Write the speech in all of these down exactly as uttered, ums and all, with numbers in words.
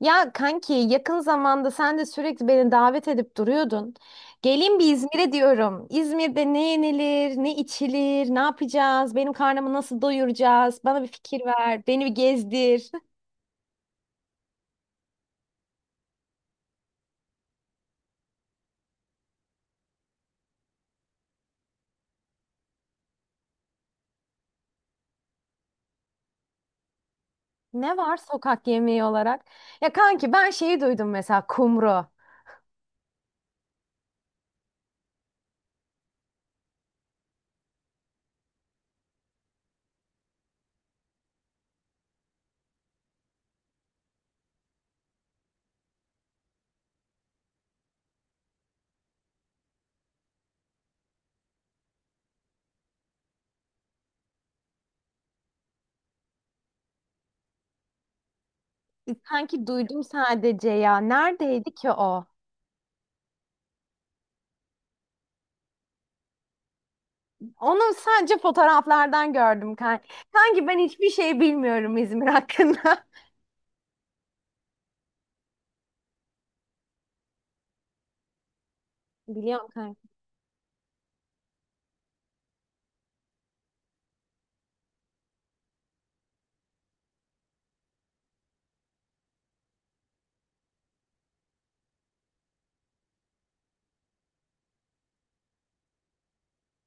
Ya kanki yakın zamanda sen de sürekli beni davet edip duruyordun. Gelin bir İzmir'e diyorum. İzmir'de ne yenilir, ne içilir, ne yapacağız, benim karnımı nasıl doyuracağız? Bana bir fikir ver, beni bir gezdir. Ne var sokak yemeği olarak? Ya kanki ben şeyi duydum mesela kumru. Kanki duydum sadece ya. Neredeydi ki o? Onu sadece fotoğraflardan gördüm kanki. Kanki ben hiçbir şey bilmiyorum İzmir hakkında. Biliyorum kanki.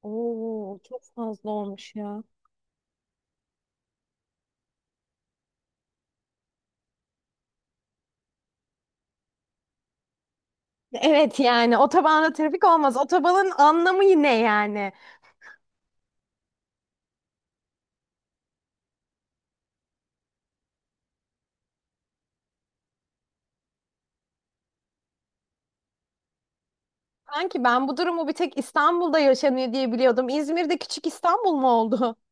Oo, çok fazla olmuş ya. Evet yani otobanda trafik olmaz. Otobanın anlamı ne yani? Sanki ben bu durumu bir tek İstanbul'da yaşanıyor diye biliyordum. İzmir'de küçük İstanbul mu oldu?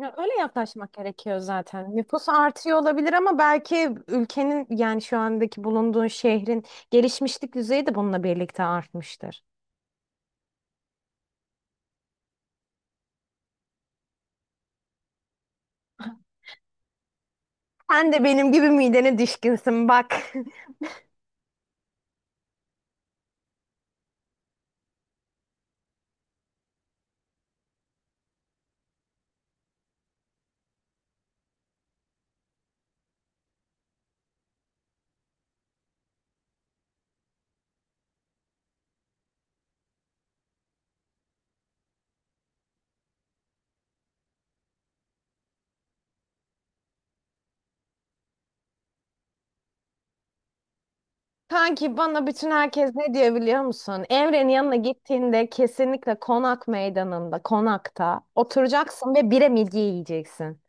Ya öyle yaklaşmak gerekiyor zaten. Nüfus artıyor olabilir ama belki ülkenin yani şu andaki bulunduğun şehrin gelişmişlik düzeyi de bununla birlikte artmıştır. Sen de benim gibi midene düşkünsün bak. Kanki bana bütün herkes ne diyor biliyor musun? Emre'nin yanına gittiğinde kesinlikle konak meydanında, konakta oturacaksın ve bire midye yiyeceksin.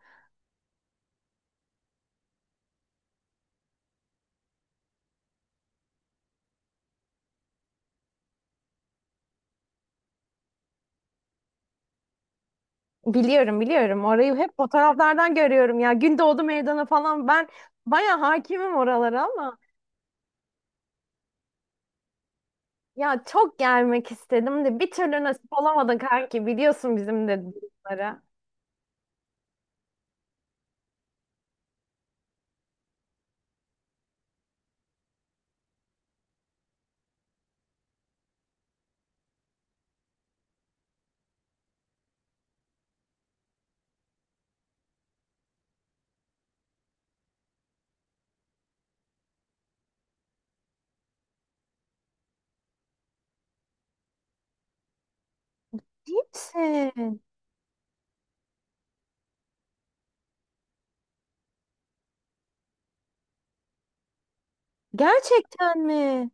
Biliyorum, biliyorum. Orayı hep fotoğraflardan görüyorum ya. Gündoğdu Meydanı falan ben baya hakimim oralara ama ya çok gelmek istedim de bir türlü nasip olamadı kanki. Biliyorsun bizim de durumları. Değil misin? Gerçekten mi?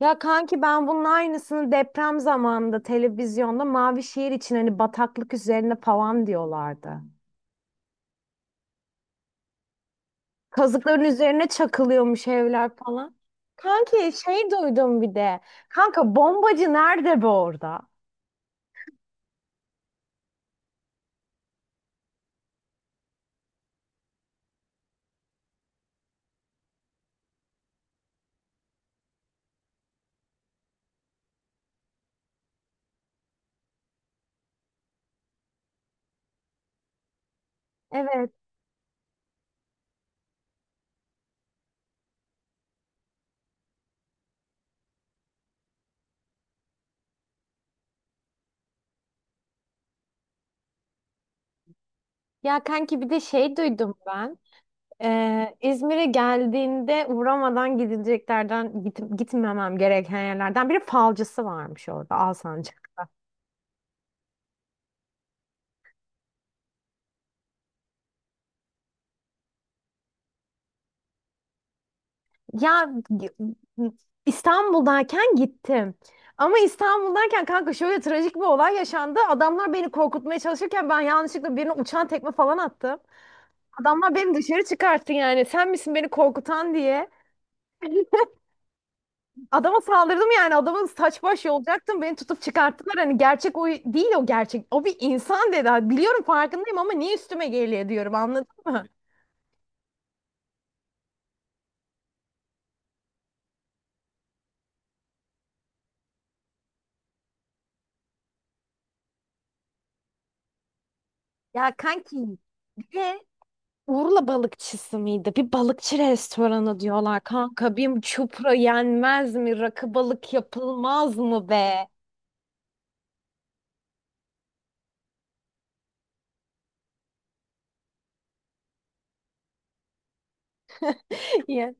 Ya kanki ben bunun aynısını deprem zamanında televizyonda mavi şehir için hani bataklık üzerine falan diyorlardı. Kazıkların üzerine çakılıyormuş evler falan. Kanki şey duydum bir de. Kanka bombacı nerede be orada? Evet. Ya kanki bir de şey duydum ben. Ee, İzmir'e geldiğinde uğramadan gidileceklerden git- gitmemem gereken yerlerden biri falcısı varmış orada Alsancak. Ya İstanbul'dayken gittim. Ama İstanbul'dayken kanka şöyle trajik bir olay yaşandı. Adamlar beni korkutmaya çalışırken ben yanlışlıkla birine uçan tekme falan attım. Adamlar beni dışarı çıkarttı yani. Sen misin beni korkutan diye. Adama saldırdım yani. Adamın saç baş yolacaktım. Beni tutup çıkarttılar. Hani gerçek o değil, o gerçek. O bir insan dedi. Ha, biliyorum, farkındayım ama niye üstüme geliyor diyorum, anladın mı? Ya kanki Ve Urla balıkçısı mıydı? Bir balıkçı restoranı diyorlar kanka. Bir çupra yenmez mi? Rakı balık yapılmaz mı be? Ya,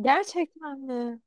Gerçekten mi?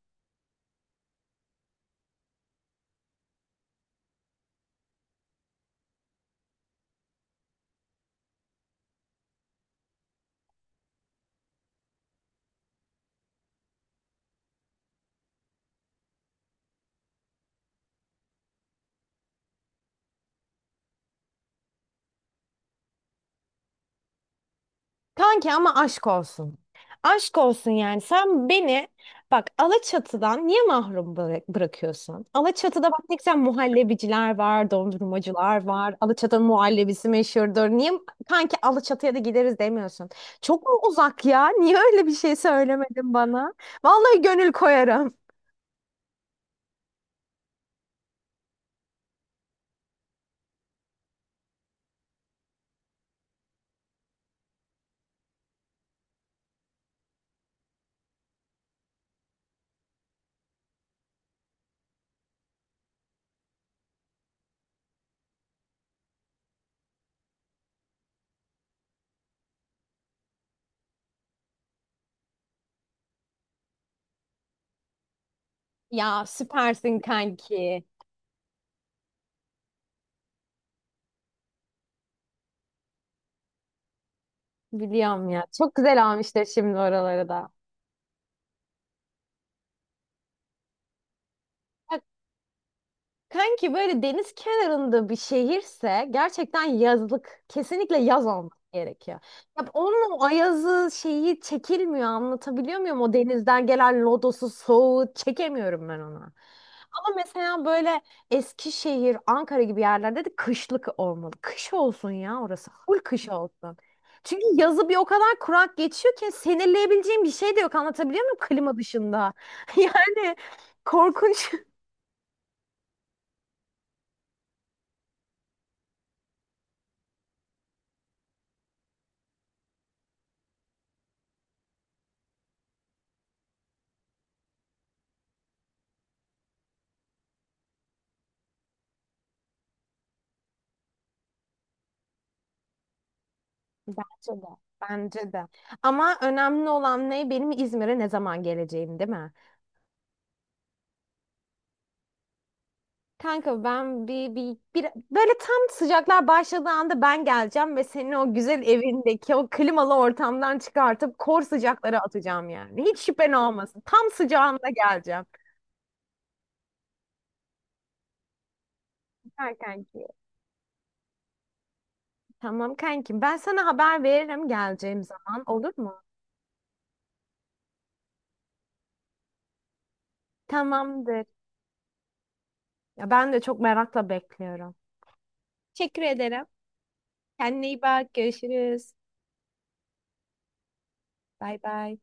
Kanki ama aşk olsun. Aşk olsun yani. Sen beni bak Alaçatı'dan niye mahrum bıra- bırakıyorsun? Alaçatı'da bak ne güzel muhallebiciler var, dondurmacılar var. Alaçatı'nın muhallebisi meşhurdur. Niye kanki Alaçatı'ya da gideriz demiyorsun? Çok mu uzak ya? Niye öyle bir şey söylemedin bana? Vallahi gönül koyarım. Ya süpersin kanki. Biliyorum ya. Çok güzel almışlar şimdi oraları da. Kanki böyle deniz kenarında bir şehirse gerçekten yazlık, kesinlikle yaz olması gerekiyor. Ya onun o ayazı şeyi çekilmiyor, anlatabiliyor muyum? O denizden gelen lodosu, soğuğu çekemiyorum ben ona. Ama mesela böyle Eskişehir, Ankara gibi yerlerde de kışlık olmalı. Kış olsun ya orası. Full kış olsun. Çünkü yazı bir o kadar kurak geçiyor ki sinirleyebileceğim bir şey de yok, anlatabiliyor muyum, klima dışında? Yani korkunç. Bence de. Bence de. Ama önemli olan ne? Benim İzmir'e ne zaman geleceğim, değil mi? Kanka ben bir, bir, bir böyle tam sıcaklar başladığı anda ben geleceğim ve seni o güzel evindeki o klimalı ortamdan çıkartıp kor sıcaklara atacağım yani. Hiç şüphen olmasın. Tam sıcağında geleceğim. Süper kanki. Tamam kankim. Ben sana haber veririm geleceğim zaman. Olur mu? Tamamdır. Ya ben de çok merakla bekliyorum. Teşekkür ederim. Kendine iyi bak. Görüşürüz. Bay bay.